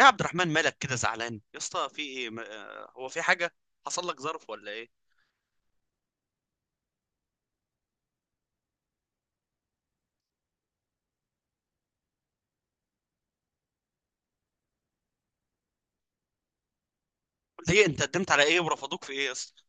يا عبد الرحمن، مالك كده زعلان يا اسطى؟ في ايه؟ هو في حاجه حصل لك؟ ظرف ولا ايه؟ قول لي، انت قدمت على ايه ورفضوك في ايه يا اسطى؟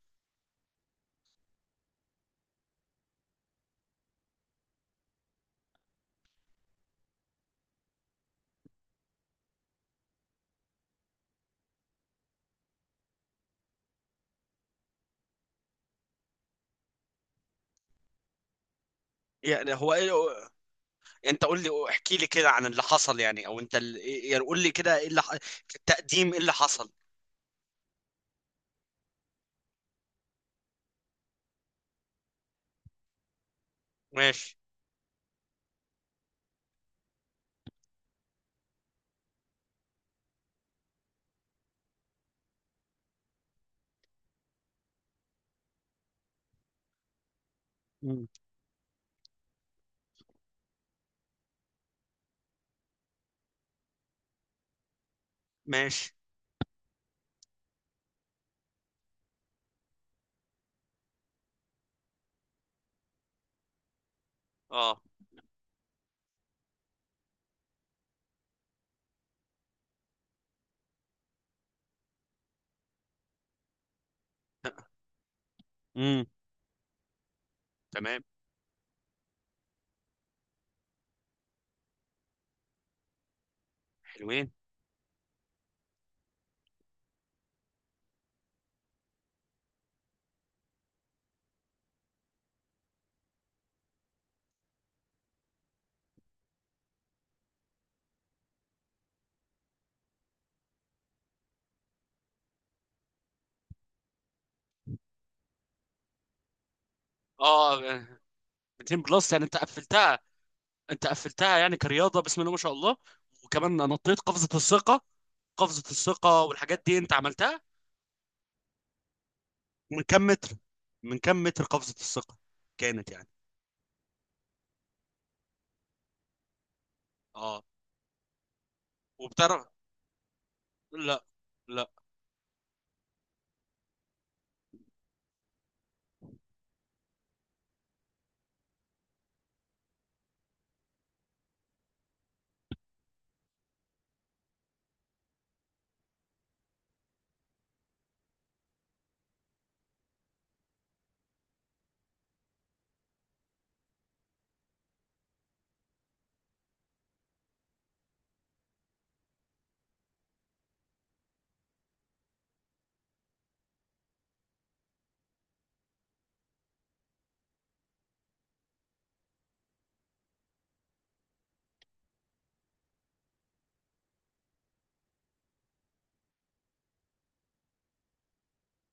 يعني هو ايه هو- انت قول لي، احكي لي كده عن اللي حصل يعني. او انت ال- إيه- يعني قول لي كده ايه اللي في التقديم، ايه اللي حصل؟ ماشي. مم. ماشي. اه. امم تمام. حلوين. اه. 200 بلس؟ يعني انت قفلتها؟ انت قفلتها يعني كرياضه؟ بسم الله ما شاء الله. وكمان نطيت قفزه الثقه؟ قفزه الثقه والحاجات دي انت عملتها؟ من كم متر؟ من كم متر قفزة الثقة كانت يعني؟ اه. وبتعرف؟ لا. لا.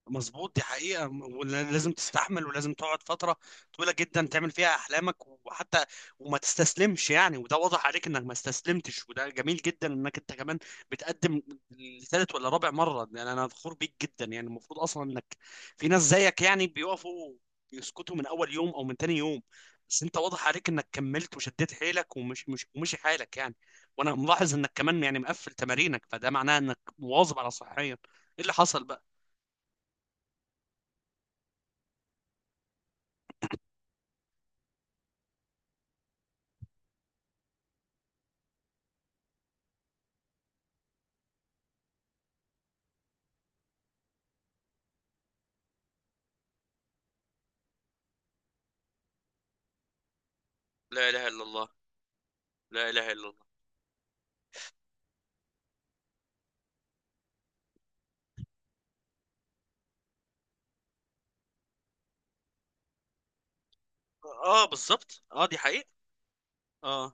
مظبوط، دي حقيقة، ولازم تستحمل ولازم تقعد فترة طويلة جدا تعمل فيها أحلامك. وحتى وما تستسلمش يعني، وده واضح عليك إنك ما استسلمتش، وده جميل جدا إنك أنت كمان بتقدم لثالث ولا رابع مرة. يعني أنا فخور بيك جدا. يعني المفروض أصلا إنك في ناس زيك يعني بيقفوا يسكتوا من أول يوم أو من تاني يوم، بس أنت واضح عليك إنك كملت وشديت حيلك ومش مش ومشي حالك يعني. وأنا ملاحظ إنك كمان يعني مقفل تمارينك، فده معناه إنك مواظب على صحيا. إيه اللي حصل بقى؟ لا اله الا الله. لا اله الا الله. اه بالظبط. اه دي حقيقة. اه.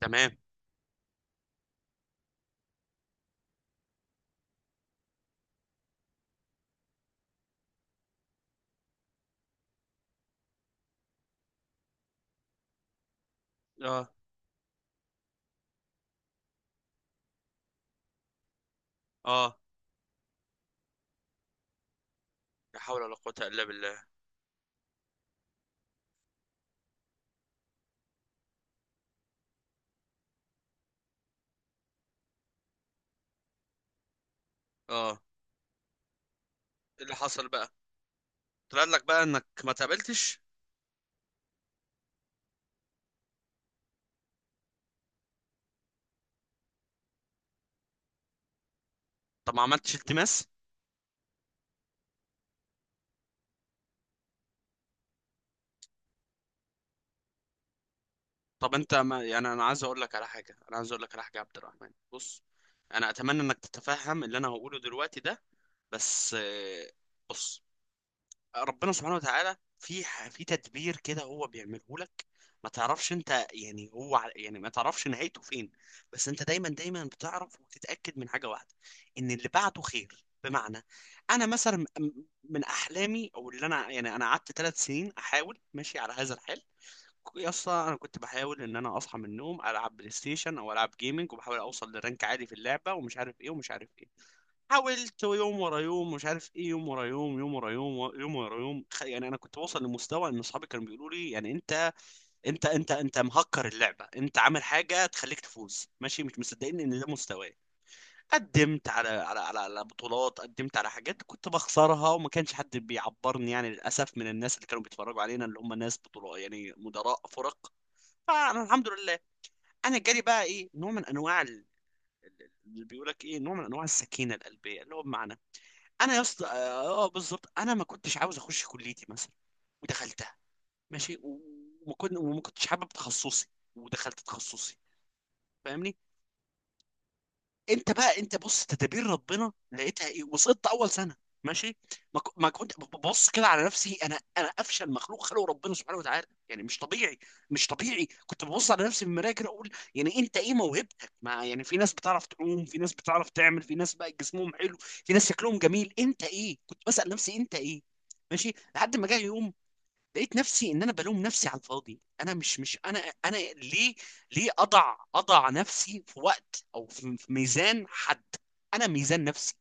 تمام. اه. اه. لا حول ولا قوة الا بالله. اه. إيه اللي حصل بقى؟ طلع لك بقى انك ما تقابلتش؟ طب ما عملتش التماس؟ طب انت ما يعني، انا عايز اقول لك على حاجة. انا عايز اقول لك على حاجة يا عبد الرحمن. بص، انا اتمنى انك تتفهم اللي انا هقوله دلوقتي ده. بس بص، ربنا سبحانه وتعالى في في تدبير كده هو بيعمله لك، ما تعرفش انت. يعني هو يعني ما تعرفش نهايته فين. بس انت دايما بتعرف وتتأكد من حاجة واحدة، ان اللي بعده خير. بمعنى انا مثلا من احلامي، او اللي انا يعني، انا قعدت 3 سنين احاول ماشي على هذا الحال. يا اسطى انا كنت بحاول ان انا اصحى من النوم العب بلاي ستيشن او العب جيمنج وبحاول اوصل لرانك عالي في اللعبه ومش عارف ايه ومش عارف ايه. حاولت يوم ورا يوم مش عارف ايه، يوم ورا يوم، يوم ورا يوم، يوم ورا يوم، يعني انا كنت بوصل لمستوى ان اصحابي كانوا بيقولوا لي يعني انت انت مهكر اللعبه، انت عامل حاجه تخليك تفوز ماشي، مش مصدقين ان ده مستواي. قدمت على بطولات. قدمت على حاجات كنت بخسرها وما كانش حد بيعبرني يعني للاسف، من الناس اللي كانوا بيتفرجوا علينا اللي هم ناس بطولات، يعني مدراء فرق. فانا الحمد لله، انا جالي بقى ايه نوع من انواع اللي بيقول لك ايه نوع من انواع السكينه القلبيه، اللي هو بمعنى انا يا اسطى بالظبط انا ما كنتش عاوز اخش كليتي مثلا، ودخلتها ماشي. وما كنتش حابب تخصصي، ودخلت تخصصي، فاهمني. انت بقى انت بص تدابير ربنا لقيتها ايه؟ وسقطت اول سنه ماشي. ما كنت ببص كده على نفسي. انا افشل مخلوق خلقه ربنا سبحانه وتعالى يعني، مش طبيعي، مش طبيعي. كنت ببص على نفسي في المرايه كده اقول يعني انت ايه موهبتك؟ ما يعني في ناس بتعرف تعوم، في ناس بتعرف تعمل، في ناس بقى جسمهم حلو، في ناس شكلهم جميل، انت ايه؟ كنت بسأل نفسي انت ايه. ماشي. لحد ما جه يوم لقيت نفسي ان انا بلوم نفسي على الفاضي. انا مش مش انا. انا ليه؟ ليه اضع نفسي في وقت او في ميزان حد؟ انا ميزان نفسي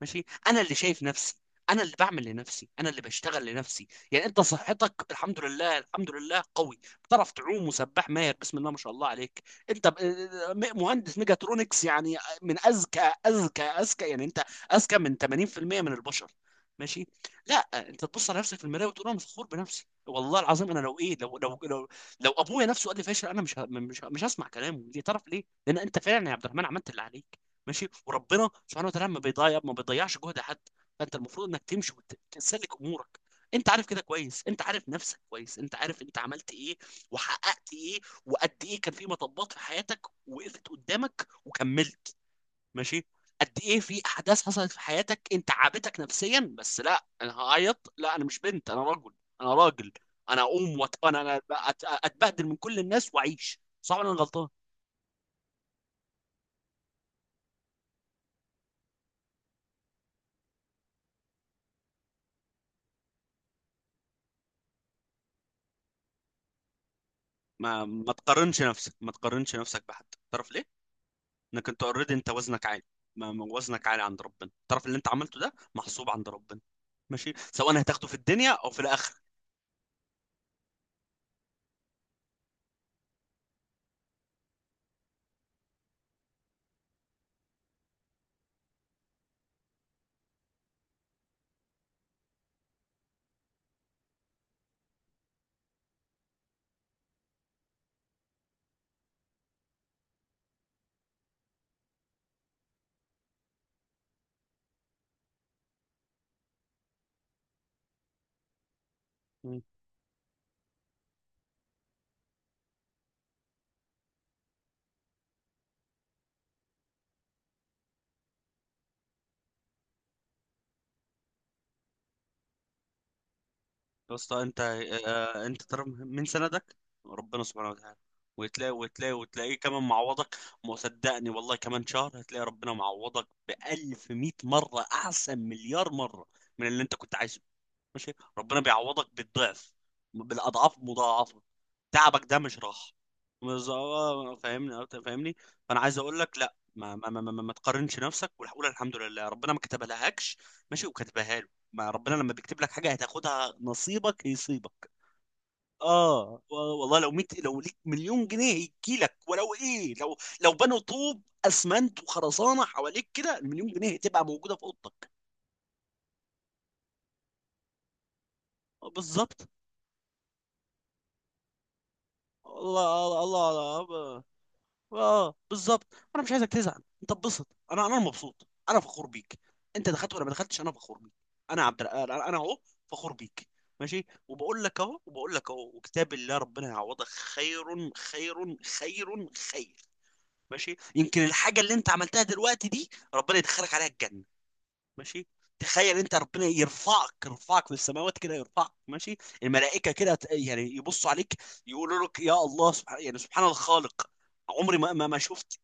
ماشي. انا اللي شايف نفسي، انا اللي بعمل لنفسي، انا اللي بشتغل لنفسي. يعني انت صحتك الحمد لله، الحمد لله قوي بتعرف تعوم وسباح ماهر بسم الله ما شاء الله عليك. انت ب- مهندس ميجاترونكس يعني. من اذكى يعني انت. اذكى من 80% من البشر ماشي. لا، انت تبص على نفسك في المرايه وتقول انا فخور بنفسي. والله العظيم انا لو ايه، لو ابويا نفسه قال لي فاشل، انا مش هسمع كلامه. ليه، تعرف ليه؟ لان انت فعلا يا عبد الرحمن عملت اللي عليك ماشي. وربنا سبحانه وتعالى ما بيضيعش جهد حد. فانت المفروض انك تمشي وتسلك امورك. انت عارف كده كويس، انت عارف نفسك كويس، انت عارف انت عملت ايه وحققت ايه وقد ايه كان في مطبات في حياتك وقفت قدامك وكملت ماشي. قد ايه في احداث حصلت في حياتك انت عابتك نفسيا، بس لا انا هعيط؟ لا، انا مش بنت، انا رجل، انا راجل. انا اقوم انا اتبهدل من كل الناس واعيش صعب؟ انا غلطان. ما تقارنش نفسك، ما تقارنش نفسك بحد. تعرف ليه؟ انك انت اوريدي، انت وزنك عالي. ما وزنك عالي عند ربنا. تعرف اللي انت عملته ده محسوب عند ربنا ماشي، سواء هتاخده في الدنيا او في الاخره. يا اسطى انت، انت ترى من سندك ربنا سبحانه وتعالى، وتلاقي وتلاقيه كمان معوضك. ما صدقني والله، كمان شهر هتلاقي ربنا معوضك بألف مئة مرة أحسن، مليار مرة من اللي انت كنت عايزه ماشي. ربنا بيعوضك بالضعف، بالأضعاف مضاعفة. تعبك ده مش راح. فاهمني، فاهمني. فانا عايز اقول لك لا، ما تقارنش نفسك وقول الحمد لله. ربنا ما كتبها لهاش. ماشي، وكتبها له. ما ربنا لما بيكتب لك حاجه هتاخدها، نصيبك يصيبك. اه والله لو 100، لو ليك مليون جنيه هيجي لك. ولو ايه لو بنوا طوب اسمنت وخرسانه حواليك كده، المليون جنيه هتبقى موجوده في اوضتك. بالظبط. الله الله. الله, الله. اه بالظبط. انا مش عايزك تزعل، انت اتبسط. انا مبسوط، انا فخور بيك. انت دخلت ولا ما دخلتش انا فخور بيك. انا عبد الر- انا أنا اهو فخور بيك ماشي. وبقول لك اهو، وكتاب الله، ربنا يعوضك خير، خير. ماشي، يمكن الحاجه اللي انت عملتها دلوقتي دي ربنا يدخلك عليها الجنه ماشي. تخيل انت ربنا يرفعك، في السماوات كده يرفعك ماشي. الملائكه كده يعني يبصوا عليك يقولوا لك يا الله، سبحان يعني سبحان الخالق، عمري ما شفت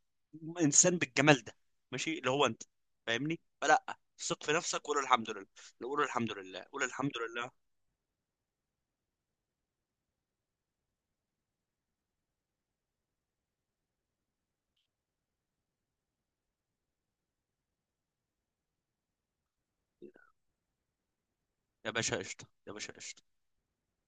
انسان بالجمال ده ماشي، اللي هو انت. فاهمني، فلا ثق في نفسك وقول الحمد لله، قول الحمد لله، قول الحمد لله. يا باشا قشطه، يا باشا قشطه.